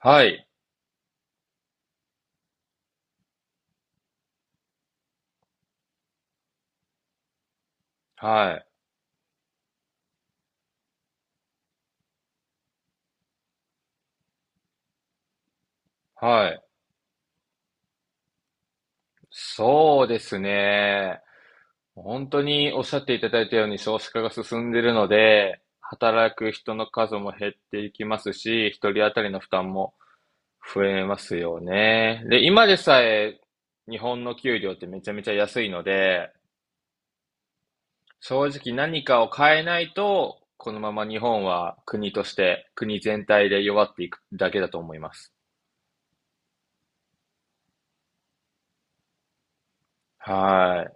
はい、はい、はい。そうですね。本当におっしゃっていただいたように少子化が進んでいるので、働く人の数も減っていきますし、一人当たりの負担も増えますよね。で、今でさえ日本の給料ってめちゃめちゃ安いので、正直何かを変えないと、このまま日本は国として、国全体で弱っていくだけだと思います。は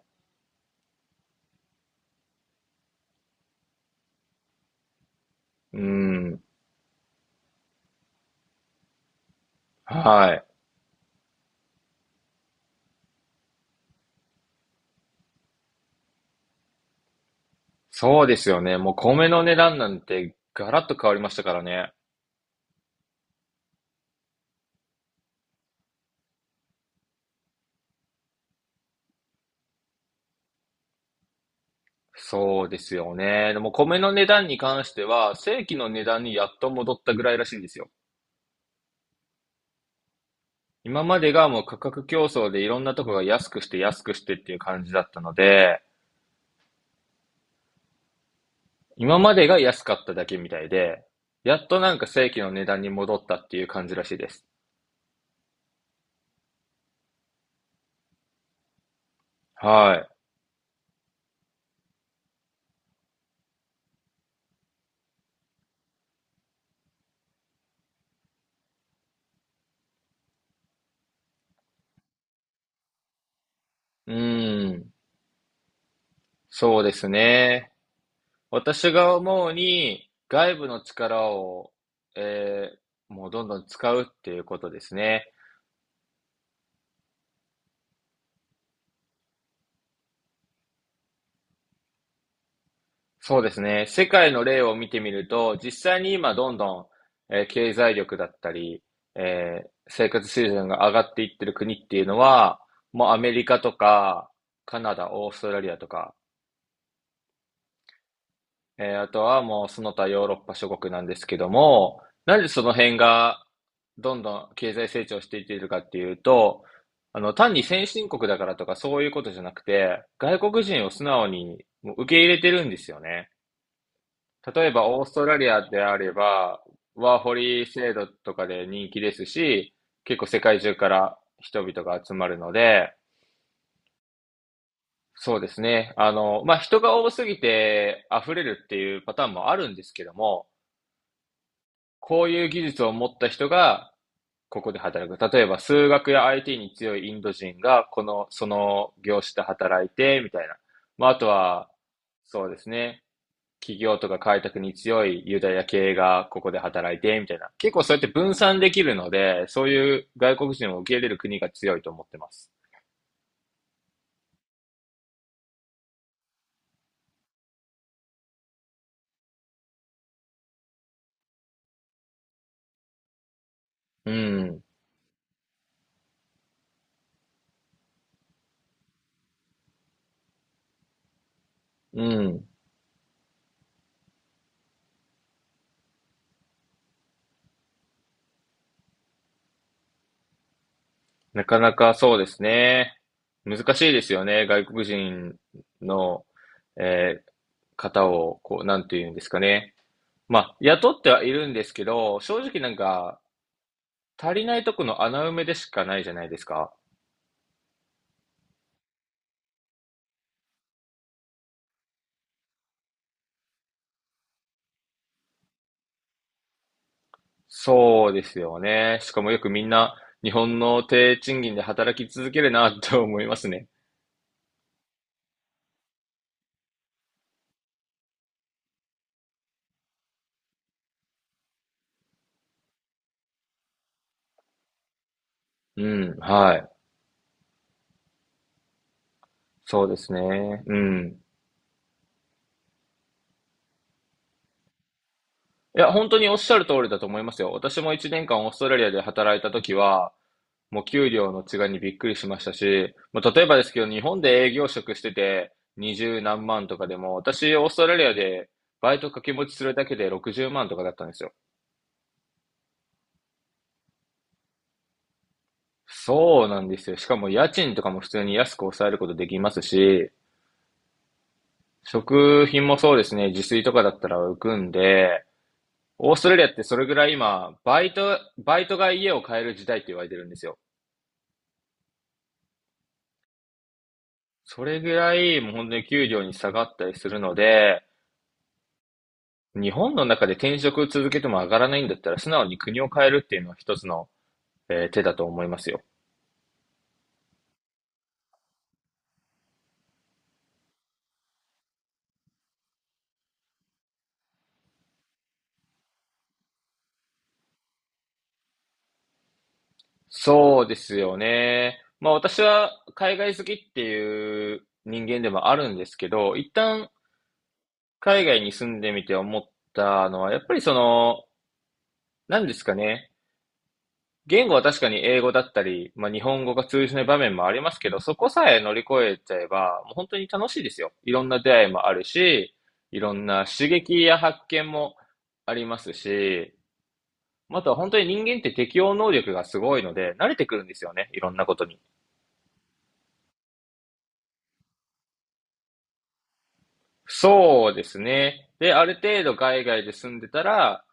い。うん。はい。そうですよね。もう米の値段なんてガラッと変わりましたからね。そうですよね。でも米の値段に関しては、正規の値段にやっと戻ったぐらいらしいですよ。今までがもう価格競争でいろんなとこが安くして安くしてっていう感じだったので、今までが安かっただけみたいで、やっとなんか正規の値段に戻ったっていう感じらしいです。はい。うーん。そうですね。私が思うに、外部の力を、えーもうどんどん使うっていうことですね。そうですね。世界の例を見てみると、実際に今どんどん、経済力だったり、生活水準が上がっていってる国っていうのは、もうアメリカとか、カナダ、オーストラリアとか、あとはもうその他ヨーロッパ諸国なんですけども、なんでその辺がどんどん経済成長していっているかっていうと、単に先進国だからとかそういうことじゃなくて、外国人を素直にもう受け入れてるんですよね。例えばオーストラリアであれば、ワーホリ制度とかで人気ですし、結構世界中から人々が集まるので、そうですね。まあ、人が多すぎて溢れるっていうパターンもあるんですけども、こういう技術を持った人がここで働く。例えば、数学や IT に強いインド人が、この、その業種で働いて、みたいな。まあ、あとは、そうですね。企業とか開拓に強いユダヤ系がここで働いて、みたいな。結構そうやって分散できるので、そういう外国人を受け入れる国が強いと思ってます。うん。うん。なかなかそうですね。難しいですよね。外国人の、えー方を、こう、なんていうんですかね。まあ、雇ってはいるんですけど、正直なんか、足りないとこの穴埋めでしかないじゃないですか。そうですよね。しかもよくみんな、日本の低賃金で働き続けるなって思いますね。うん、はい。そうですね。うん。いや、本当におっしゃる通りだと思いますよ。私も1年間オーストラリアで働いた時は、もう給料の違いにびっくりしましたし、もう例えばですけど、日本で営業職してて20何万とかでも、私、オーストラリアでバイト掛け持ちするだけで60万とかだったんですよ。そうなんですよ。しかも家賃とかも普通に安く抑えることできますし、食品もそうですね、自炊とかだったら浮くんで、オーストラリアってそれぐらい今、バイトが家を買える時代って言われてるんですよ。それぐらいもう本当に給料に下がったりするので、日本の中で転職続けても上がらないんだったら、素直に国を変えるっていうのは一つの、手だと思いますよ。そうですよね。まあ私は海外好きっていう人間でもあるんですけど、一旦海外に住んでみて思ったのは、やっぱりその、何ですかね。言語は確かに英語だったり、まあ、日本語が通じない場面もありますけど、そこさえ乗り越えちゃえば、もう本当に楽しいですよ。いろんな出会いもあるし、いろんな刺激や発見もありますし、あとは本当に人間って適応能力がすごいので、慣れてくるんですよね。いろんなことに。そうですね。で、ある程度海外で住んでたら、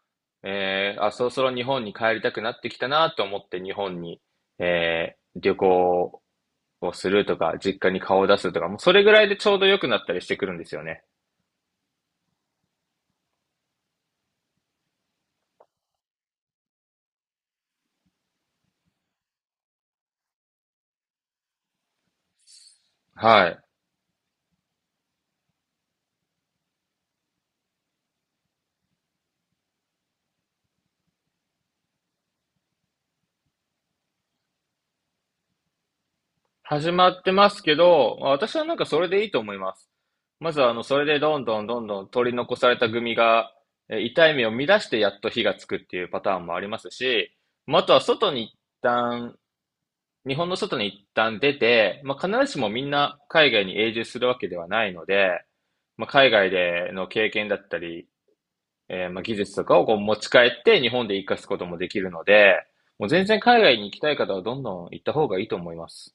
あ、そろそろ日本に帰りたくなってきたなと思って日本に、旅行をするとか、実家に顔を出すとか、もうそれぐらいでちょうど良くなったりしてくるんですよね。はい。始まってますけど、まあ私はなんかそれでいいと思います。まずはそれでどんどんどんどん取り残された組が、痛い目を乱してやっと火がつくっていうパターンもありますし、まあ、あとは外に一旦、日本の外に一旦出て、まあ、必ずしもみんな海外に永住するわけではないので、まあ、海外での経験だったり、まあ、技術とかをこう持ち帰って日本で活かすこともできるので、もう全然海外に行きたい方はどんどん行った方がいいと思います。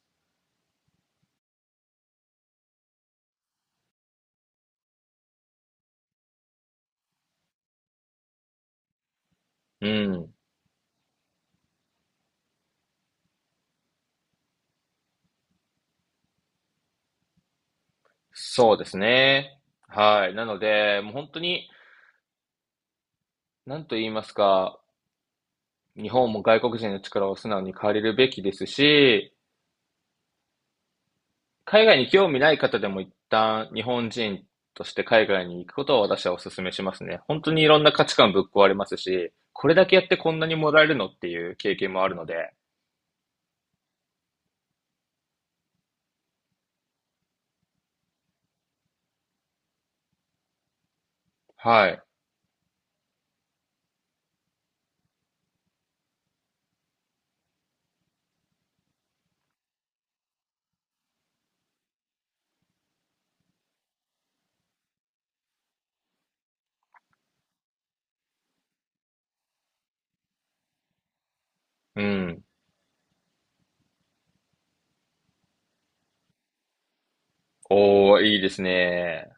うん。そうですね。はい。なので、もう本当に、なんと言いますか、日本も外国人の力を素直に借りるべきですし、海外に興味ない方でも一旦日本人として海外に行くことを私はお勧めしますね。本当にいろんな価値観ぶっ壊れますし、これだけやってこんなにもらえるのっていう経験もあるので、はい。うん。おー、いいですね。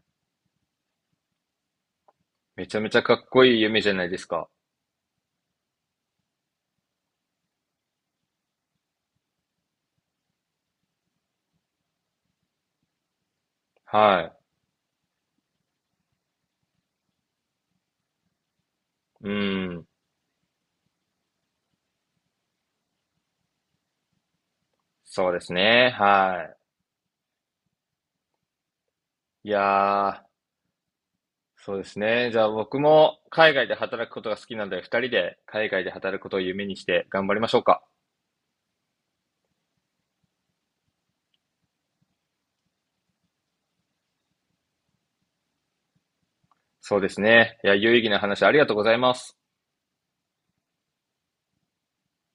めちゃめちゃかっこいい夢じゃないですか。はい。うん。そうですね。はい。いやー、そうですね。じゃあ僕も海外で働くことが好きなので、二人で海外で働くことを夢にして頑張りましょうか。そうですね。いや、有意義な話ありがとうございます。